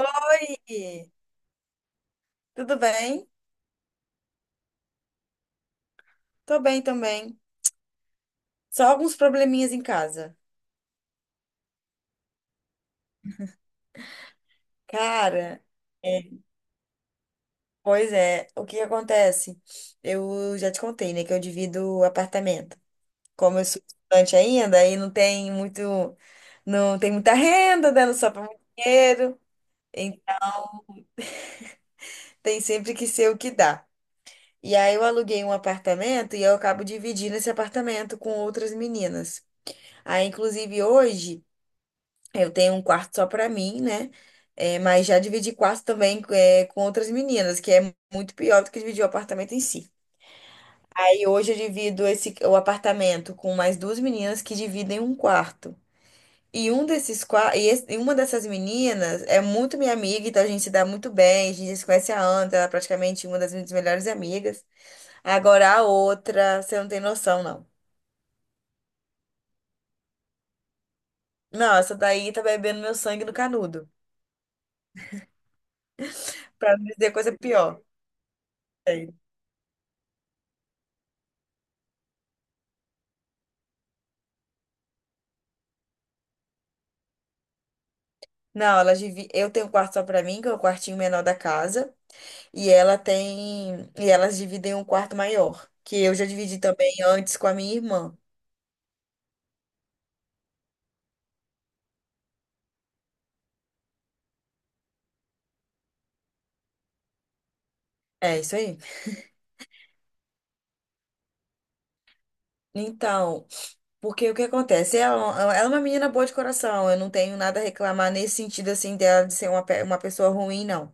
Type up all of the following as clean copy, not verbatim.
Oi, tudo bem? Tô bem também. Só alguns probleminhas em casa. Cara, é, pois é, o que acontece? Eu já te contei, né, que eu divido apartamento. Como eu sou estudante ainda, aí não tem muito, não tem muita renda, dando só para muito dinheiro. Em- tem sempre que ser o que dá. E aí eu aluguei um apartamento e eu acabo dividindo esse apartamento com outras meninas. Aí, inclusive, hoje. Eu tenho um quarto só pra mim, né? É, mas já dividi quarto também é, com outras meninas, que é muito pior do que dividir o apartamento em si. Aí hoje eu divido esse, o apartamento com mais duas meninas que dividem um quarto. E um desses qua- e, esse- e uma dessas meninas é muito minha amiga, então a gente se dá muito bem, a gente já se conhece há anos, ela é praticamente uma das minhas melhores amigas. Agora a outra, você não tem noção, não. Não, essa daí tá bebendo meu sangue no canudo, pra não dizer coisa pior. Não, elas divi... eu tenho um quarto só pra mim, que é o quartinho menor da casa, e ela tem e elas dividem um quarto maior, que eu já dividi também antes com a minha irmã. É isso aí. Então, porque o que acontece? Ela é uma menina boa de coração, eu não tenho nada a reclamar nesse sentido assim dela de ser uma, pe- uma pessoa ruim, não.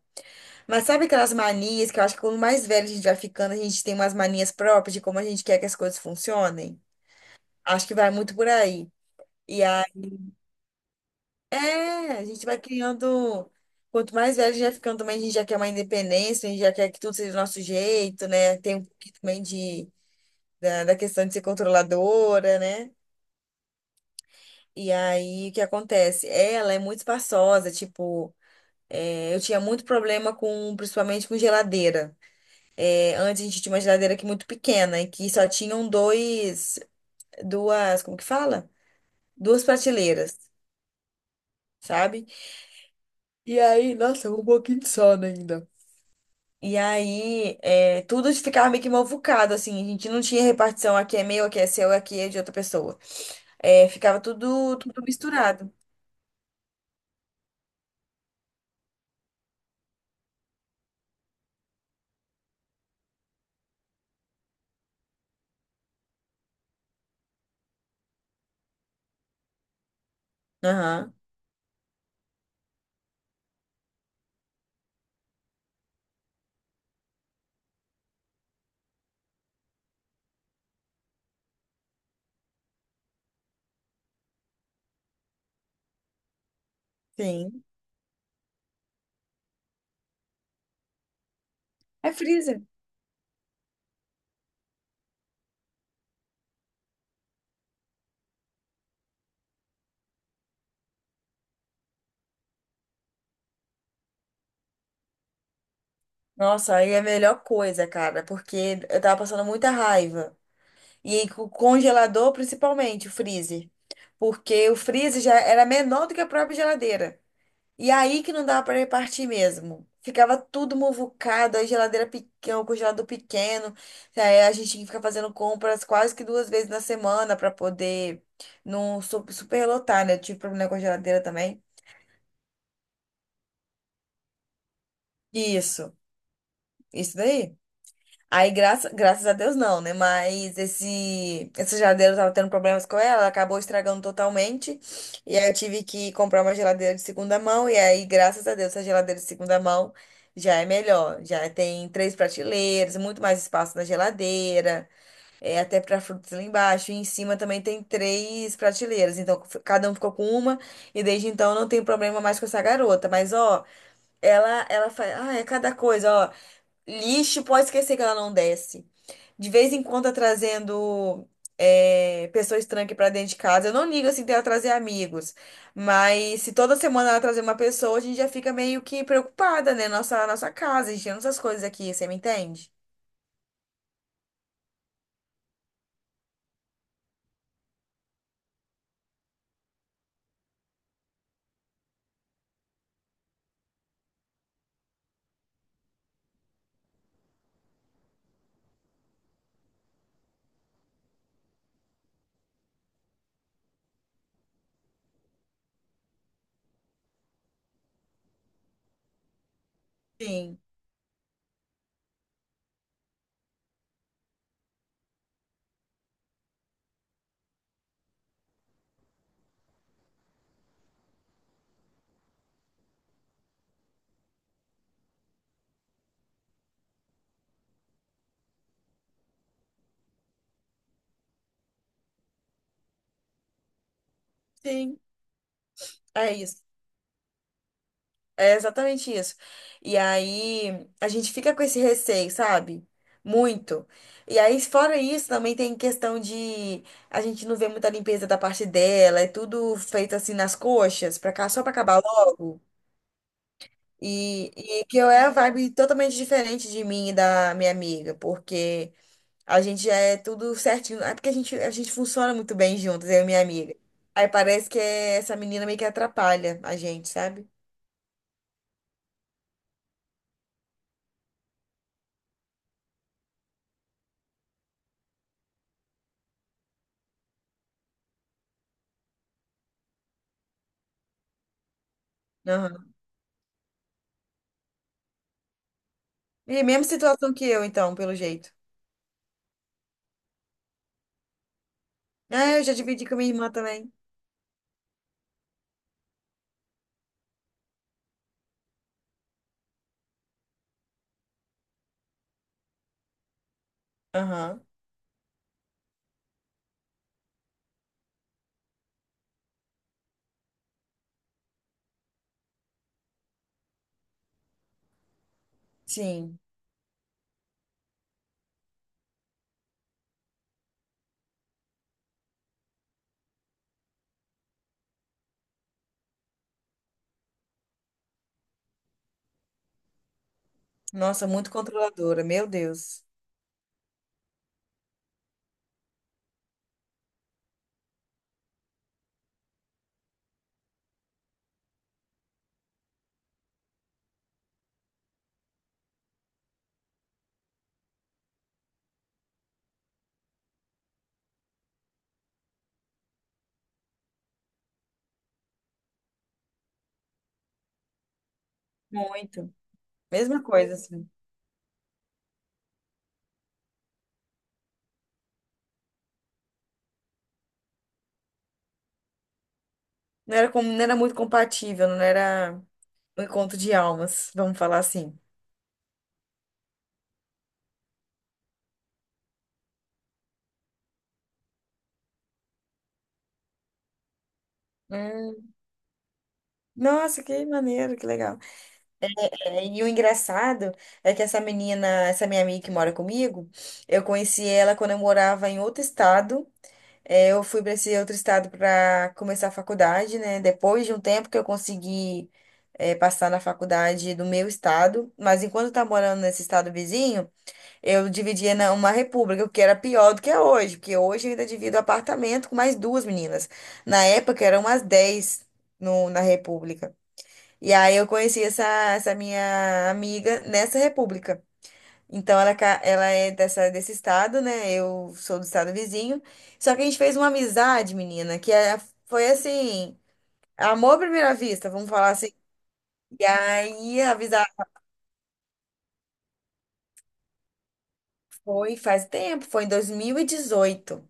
Mas sabe aquelas manias que eu acho que quando mais velho a gente vai ficando, a gente tem umas manias próprias de como a gente quer que as coisas funcionem? Acho que vai muito por aí. E é, a gente vai criando. Quanto mais velho a gente vai ficando também, a gente já quer uma independência, a gente já quer que tudo seja do nosso jeito, né? Tem um pouquinho também de, da questão de ser controladora, né? E aí, o que acontece? Ela é muito espaçosa, tipo, é, eu tinha muito problema com, principalmente com geladeira. É, antes a gente tinha uma geladeira aqui muito pequena, e que só tinham dois, duas, como que fala? Duas prateleiras, sabe? E aí, nossa, um pouquinho de sono ainda. E aí, é, tudo ficava meio que movucado, assim. A gente não tinha repartição, aqui é meu, aqui é seu, aqui é de outra pessoa. É, ficava tudo, tudo misturado. Aham, sim. É freezer. Nossa, aí é a melhor coisa, cara, porque eu tava passando muita raiva. E aí, com o congelador, principalmente, o freezer. Porque o freezer já era menor do que a própria geladeira. E aí que não dava para repartir mesmo. Ficava tudo muvucado, a geladeira pequena, o congelador pequeno. Aí a gente tinha que ficar fazendo compras quase que duas vezes na semana para poder não su- superlotar, né? Eu tive problema com a geladeira também. Isso, isso daí. Aí, graça, graças a Deus, não, né? Mas esse, essa geladeira eu tava tendo problemas com ela, ela acabou estragando totalmente. E aí eu tive que comprar uma geladeira de segunda mão. E aí, graças a Deus, essa geladeira de segunda mão já é melhor. Já tem três prateleiras, muito mais espaço na geladeira, é, até para frutas lá embaixo. E em cima também tem três prateleiras. Então, f- cada um ficou com uma. E desde então não tem problema mais com essa garota. Mas, ó, ela faz. Ah, é cada coisa, ó. Lixo, pode esquecer que ela não desce. De vez em quando tá trazendo é, pessoa estranha aqui pra dentro de casa. Eu não ligo assim dela trazer amigos. Mas se toda semana ela trazer uma pessoa, a gente já fica meio que preocupada, né? Nossa, nossa casa, enchendo essas coisas aqui, você me entende? Sim, sim, é isso. É exatamente isso. E aí a gente fica com esse receio, sabe? Muito. E aí, fora isso, também tem questão de a gente não vê muita limpeza da parte dela, é tudo feito assim nas coxas, pra cá, só pra acabar logo. E, e que eu é a vibe totalmente diferente de mim e da minha amiga, porque a gente já é tudo certinho. É porque a gente funciona muito bem juntas, eu e minha amiga. Aí parece que é- essa menina meio que atrapalha a gente, sabe? Aham. E mesma situação que eu, então, pelo jeito. Ah, eu já dividi com minha irmã também. Aham. Sim. Nossa, muito controladora, meu Deus. Muito. Mesma coisa, assim. Não era, como, não era muito compatível, não era um encontro de almas, vamos falar assim. Hum. Nossa, que maneiro, que legal. É, e o engraçado é que essa menina, essa minha amiga que mora comigo, eu conheci ela quando eu morava em outro estado. É, eu fui para esse outro estado para começar a faculdade, né? Depois de um tempo que eu consegui, é, passar na faculdade do meu estado, mas enquanto eu estava morando nesse estado vizinho, eu dividia na- uma república, o que era pior do que é hoje, porque hoje eu ainda divido apartamento com mais duas meninas. Na época eram umas 10 no, na república. E aí eu conheci essa minha amiga nessa república. Então ela, é ca- ela é dessa, desse estado, né? Eu sou do estado vizinho. Só que a gente fez uma amizade, menina, que é- foi assim, amor à primeira vista, vamos falar assim. E aí a amizade foi faz tempo, foi em 2018.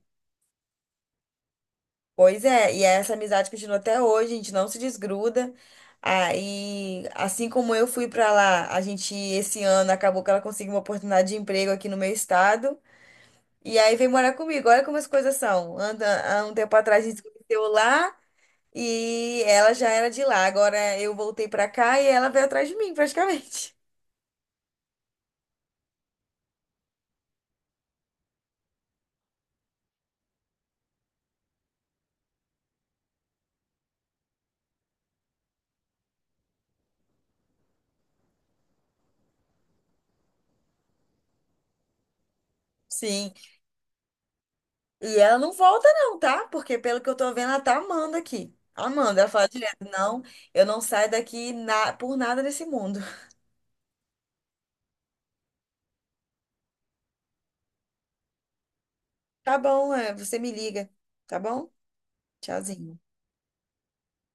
Pois é, e essa amizade continua até hoje, a gente não se desgruda. Aí, assim como eu fui pra lá, a gente esse ano acabou que ela conseguiu uma oportunidade de emprego aqui no meu estado. E aí veio morar comigo. Olha como as coisas são. Anda, há um tempo atrás a gente se conheceu lá e ela já era de lá. Agora eu voltei pra cá e ela veio atrás de mim, praticamente. Sim. E ela não volta, não, tá? Porque pelo que eu tô vendo, ela tá amando aqui. Amanda, ela fala direto, não, eu não saio daqui na- por nada nesse mundo. Tá bom, é, você me liga, tá bom? Tchauzinho.